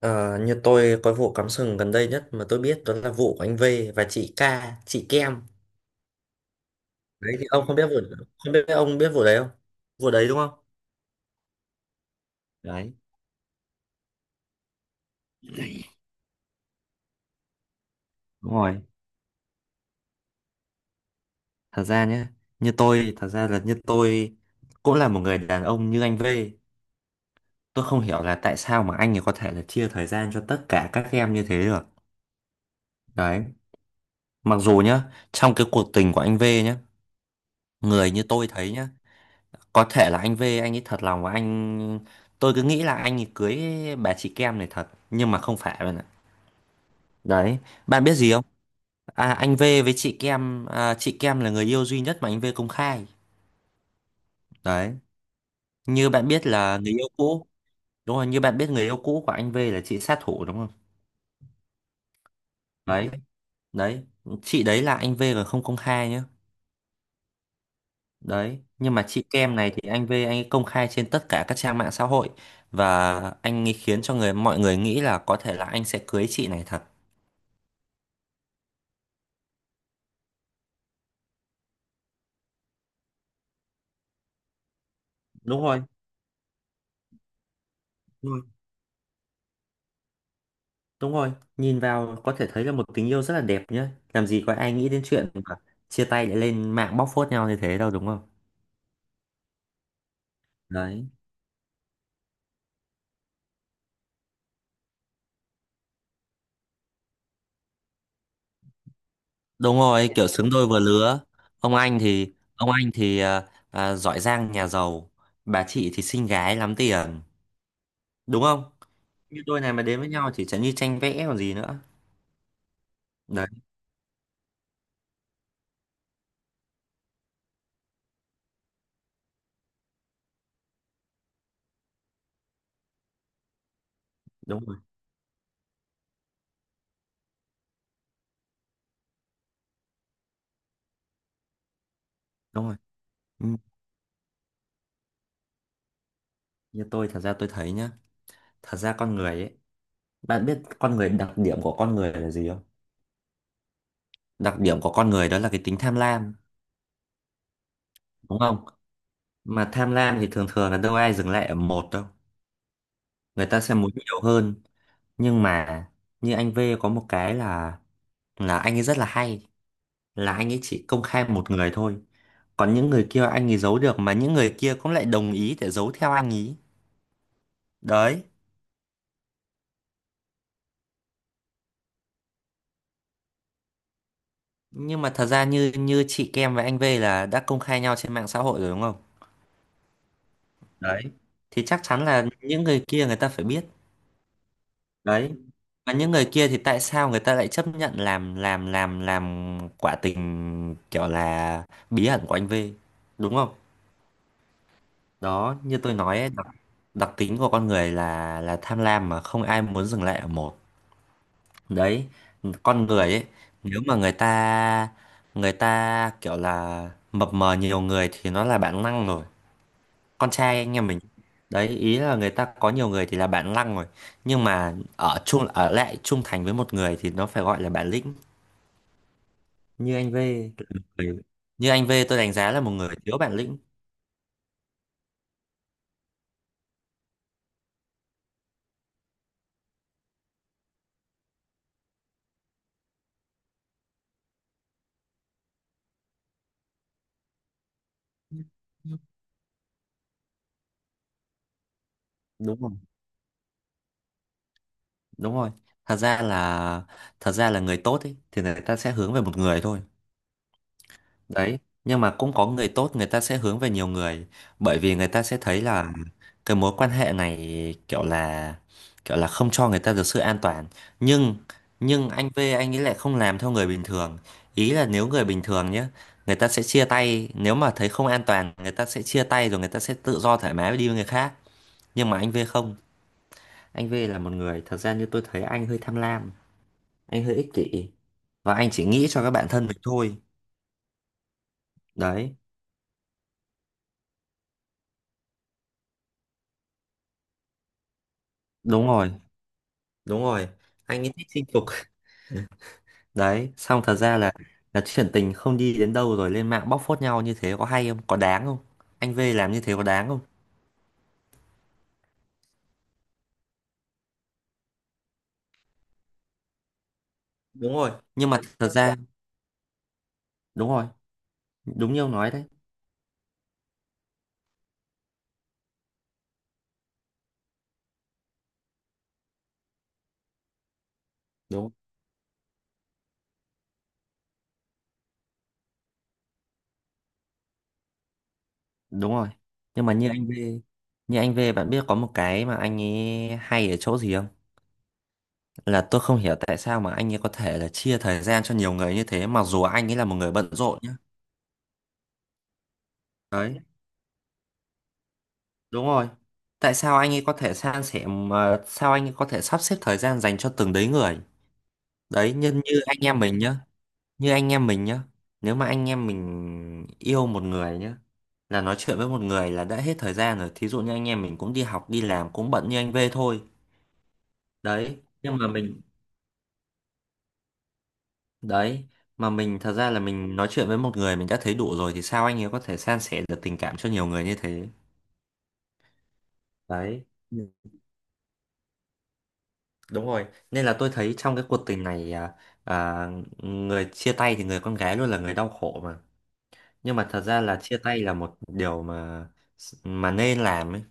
Ờ, như tôi có vụ cắm sừng gần đây nhất mà tôi biết đó là vụ của anh V và chị Kem. Đấy thì ông không biết vụ, không biết ông biết vụ đấy không? Vụ đấy đúng không? Đấy, đúng rồi. Thật ra nhé, như tôi thật ra là, như tôi cũng là một người đàn ông như anh V. Tôi không hiểu là tại sao mà anh ấy có thể là chia thời gian cho tất cả các em như thế được. Đấy, mặc dù nhá, trong cái cuộc tình của anh V nhá, người như tôi thấy nhá, có thể là anh V anh ấy thật lòng và anh, tôi cứ nghĩ là anh ấy cưới bà chị Kem này thật, nhưng mà không phải bạn ạ. Đấy, bạn biết gì không? Anh V với chị Kem, chị Kem là người yêu duy nhất mà anh V công khai. Đấy, như bạn biết là người yêu cũ. Đúng rồi, như bạn biết người yêu cũ của anh V là chị sát thủ đúng không. Đấy, đấy, chị đấy là anh V còn không công khai nhá. Đấy, nhưng mà chị Kem này thì anh V anh ấy công khai trên tất cả các trang mạng xã hội, và anh ấy khiến cho người mọi người nghĩ là có thể là anh sẽ cưới chị này thật. Đúng rồi, đúng rồi, đúng rồi. Nhìn vào có thể thấy là một tình yêu rất là đẹp nhá, làm gì có ai nghĩ đến chuyện mà chia tay lại lên mạng bóc phốt nhau như thế đâu đúng không. Đấy, đúng rồi, kiểu xứng đôi vừa lứa. Ông anh thì ông anh thì giỏi giang nhà giàu, bà chị thì xinh gái lắm tiền, đúng không. Như đôi này mà đến với nhau chỉ chẳng như tranh vẽ còn gì nữa. Đấy, đúng rồi, đúng rồi. Ừ, như tôi thật ra tôi thấy nhá, thật ra con người ấy, bạn biết con người đặc điểm của con người là gì không. Đặc điểm của con người đó là cái tính tham lam, đúng không. Mà tham lam thì thường thường là đâu ai dừng lại ở một đâu, người ta sẽ muốn nhiều hơn. Nhưng mà như anh V có một cái là anh ấy rất là hay, là anh ấy chỉ công khai một người thôi, còn những người kia anh ấy giấu được mà những người kia cũng lại đồng ý để giấu theo anh ấy. Đấy, nhưng mà thật ra như như chị Kem và anh V là đã công khai nhau trên mạng xã hội rồi đúng không. Đấy, thì chắc chắn là những người kia người ta phải biết. Đấy, và những người kia thì tại sao người ta lại chấp nhận làm quả tình kiểu là bí ẩn của anh V, đúng không. Đó, như tôi nói ấy, đặc tính của con người là tham lam mà không ai muốn dừng lại ở một. Đấy, con người ấy, nếu mà người ta, người ta kiểu là mập mờ nhiều người thì nó là bản năng rồi. Con trai anh em mình, đấy, ý là người ta có nhiều người thì là bản lăng rồi, nhưng mà ở chung ở lại trung thành với một người thì nó phải gọi là bản lĩnh. như anh V là một người- Như anh V tôi đánh giá là một người thiếu bản lĩnh. Đúng rồi, đúng rồi. Thật ra là, thật ra là người tốt ấy thì người ta sẽ hướng về một người thôi. Đấy, nhưng mà cũng có người tốt người ta sẽ hướng về nhiều người, bởi vì người ta sẽ thấy là cái mối quan hệ này kiểu là, kiểu là không cho người ta được sự an toàn. Nhưng nhưng anh V anh ấy lại không làm theo người bình thường. Ý là nếu người bình thường nhé, người ta sẽ chia tay, nếu mà thấy không an toàn người ta sẽ chia tay rồi người ta sẽ tự do thoải mái đi với người khác. Nhưng mà anh V không, anh V là một người thật ra như tôi thấy anh hơi tham lam, anh hơi ích kỷ và anh chỉ nghĩ cho các bạn thân mình thôi. Đấy, đúng rồi. Đúng rồi, anh ấy thích chinh phục. Đấy, xong thật ra là chuyện tình không đi đến đâu rồi lên mạng bóc phốt nhau như thế có hay không, có đáng không? Anh V làm như thế có đáng không? Đúng rồi, nhưng mà thật ra, đúng rồi, đúng như ông nói đấy, đúng, đúng rồi. Nhưng mà như anh V, như anh V bạn biết có một cái mà anh ấy hay ở chỗ gì không? Là tôi không hiểu tại sao mà anh ấy có thể là chia thời gian cho nhiều người như thế mặc dù anh ấy là một người bận rộn nhá. Đấy, đúng rồi. Tại sao anh ấy có thể san sẻ mà sao anh ấy có thể sắp xếp thời gian dành cho từng đấy người? Đấy, như, như anh em mình nhá, như anh em mình nhá. Nếu mà anh em mình yêu một người nhá, là nói chuyện với một người là đã hết thời gian rồi. Thí dụ như anh em mình cũng đi học, đi làm, cũng bận như anh V thôi. Đấy, nhưng mà mình, đấy, mà mình thật ra là mình nói chuyện với một người mình đã thấy đủ rồi thì sao anh ấy có thể san sẻ được tình cảm cho nhiều người như thế? Đấy, đúng rồi, nên là tôi thấy trong cái cuộc tình này à, à, người chia tay thì người con gái luôn là người đau khổ mà. Nhưng mà thật ra là chia tay là một điều mà nên làm ấy.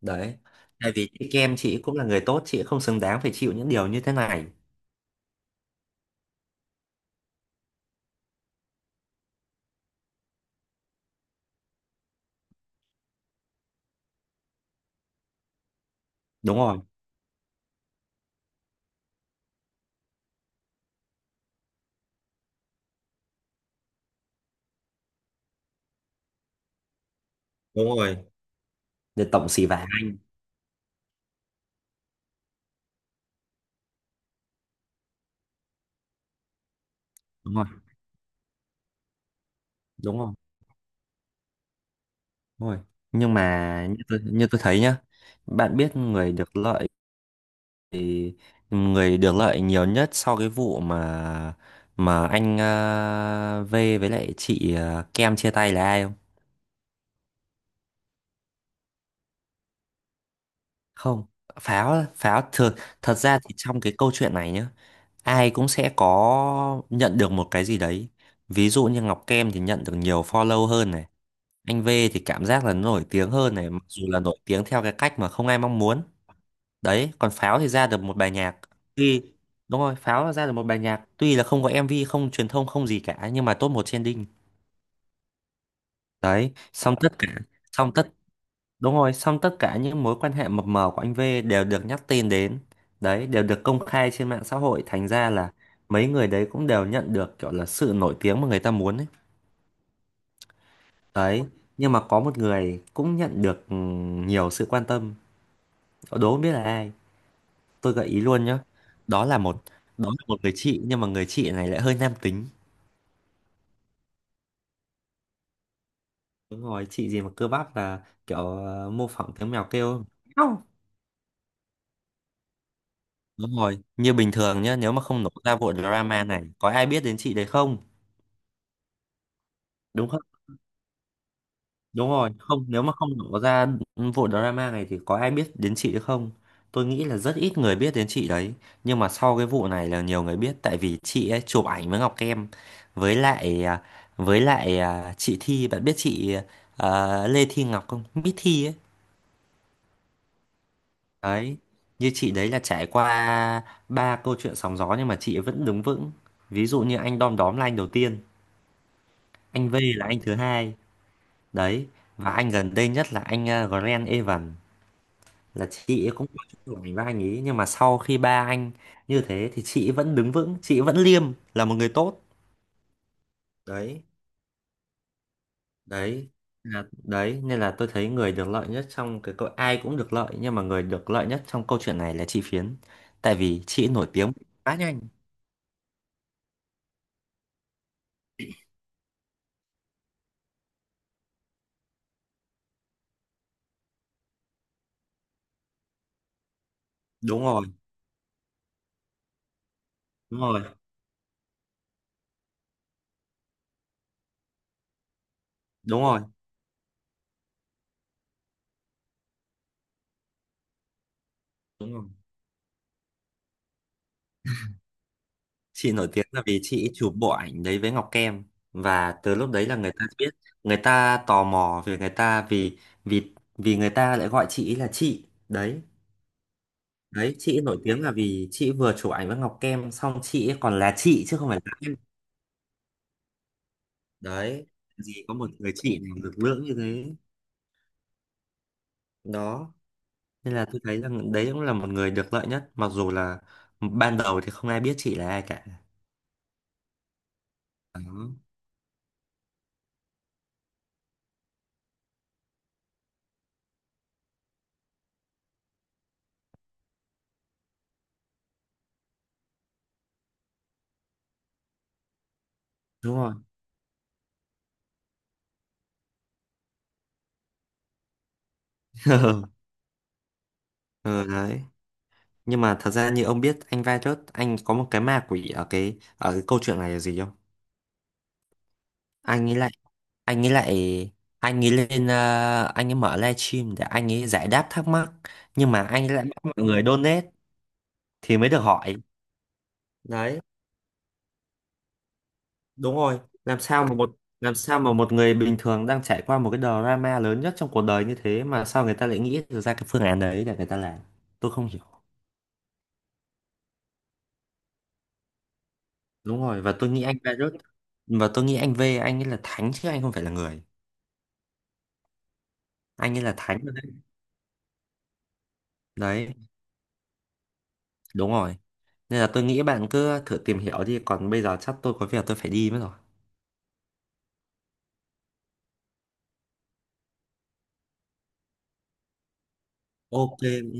Đấy, tại vì chị Kem chị cũng là người tốt, chị không xứng đáng phải chịu những điều như thế này. Đúng rồi, đúng rồi. Để tổng xì vả. Đúng rồi, đúng rồi, đúng rồi. Nhưng mà như tôi thấy nhá, bạn biết người được lợi, thì người được lợi nhiều nhất sau cái vụ mà anh V với lại chị Kem chia tay là ai không? Không, Pháo Pháo thật, thật ra thì trong cái câu chuyện này nhá, ai cũng sẽ có nhận được một cái gì đấy. Ví dụ như Ngọc Kem thì nhận được nhiều follow hơn này, anh V thì cảm giác là nổi tiếng hơn này, mặc dù là nổi tiếng theo cái cách mà không ai mong muốn. Đấy, còn Pháo thì ra được một bài nhạc tuy, đúng rồi, Pháo là ra được một bài nhạc tuy là không có MV không truyền thông không gì cả nhưng mà top một trending. Đấy, xong tất cả xong tất đúng rồi, xong tất cả những mối quan hệ mập mờ của anh V đều được nhắc tên đến. Đấy, đều được công khai trên mạng xã hội, thành ra là mấy người đấy cũng đều nhận được kiểu là sự nổi tiếng mà người ta muốn ấy. Đấy, nhưng mà có một người cũng nhận được nhiều sự quan tâm, đố không biết là ai, tôi gợi ý luôn nhá. Đó là một, đó là một người chị nhưng mà người chị này lại hơi nam tính. Đúng rồi, chị gì mà cơ bắp là kiểu mô phỏng tiếng mèo kêu. Không. Đúng rồi, như bình thường nhá, nếu mà không nổ ra vụ drama này có ai biết đến chị đấy không? Đúng. Đúng rồi, không, nếu mà không đổ ra vụ drama này thì có ai biết đến chị nữa không? Tôi nghĩ là rất ít người biết đến chị đấy. Nhưng mà sau cái vụ này là nhiều người biết tại vì chị ấy chụp ảnh với Ngọc Em với lại với lại chị Thi, bạn biết chị Lê Thi Ngọc không? Miss Thi ấy. Đấy, như chị đấy là trải qua ba câu chuyện sóng gió nhưng mà chị ấy vẫn đứng vững. Ví dụ như anh Đom Đóm là anh đầu tiên, anh V là anh thứ hai. Đấy, và anh gần đây nhất là anh Grant Evan. Là chị ấy cũng có chung tuổi với anh ấy nhưng mà sau khi ba anh như thế thì chị ấy vẫn đứng vững, chị ấy vẫn liêm, là một người tốt. Đấy, đấy, là đấy nên là tôi thấy người được lợi nhất trong cái câu, ai cũng được lợi nhưng mà người được lợi nhất trong câu chuyện này là chị Phiến, tại vì chị ấy nổi tiếng quá nhanh. Đúng rồi, đúng rồi, đúng rồi, đúng rồi, chị nổi tiếng là vì chị chụp bộ ảnh đấy với Ngọc Kem và từ lúc đấy là người ta biết, người ta tò mò về người ta vì vì vì người ta lại gọi chị ấy là chị đấy. Đấy, chị nổi tiếng là vì chị vừa chụp ảnh với Ngọc Kem xong chị ấy còn là chị chứ không phải là em. Đấy, gì có một người chị nào lực lưỡng như thế. Đó, nên là tôi thấy rằng đấy cũng là một người được lợi nhất, mặc dù là ban đầu thì không ai biết chị là ai cả. Đó, đúng rồi. Ừ, đấy. Nhưng mà thật ra như ông biết anh Virus, anh có một cái ma quỷ ở cái câu chuyện này là gì không? anh ấy lại anh ấy lại anh ấy lên anh ấy mở livestream để anh ấy giải đáp thắc mắc, nhưng mà anh ấy lại bắt mọi người donate thì mới được hỏi. Đấy, đúng rồi. Làm sao mà một, làm sao mà một người bình thường đang trải qua một cái drama lớn nhất trong cuộc đời như thế mà sao người ta lại nghĩ được ra cái phương án đấy để người ta làm? Tôi không hiểu. Đúng rồi, và tôi nghĩ anh Virus, và tôi nghĩ anh V anh ấy là thánh chứ anh không phải là người. Anh ấy là thánh rồi đấy. Đấy, đúng rồi, nên là tôi nghĩ bạn cứ thử tìm hiểu đi còn bây giờ chắc tôi có việc tôi phải đi mất rồi. OK.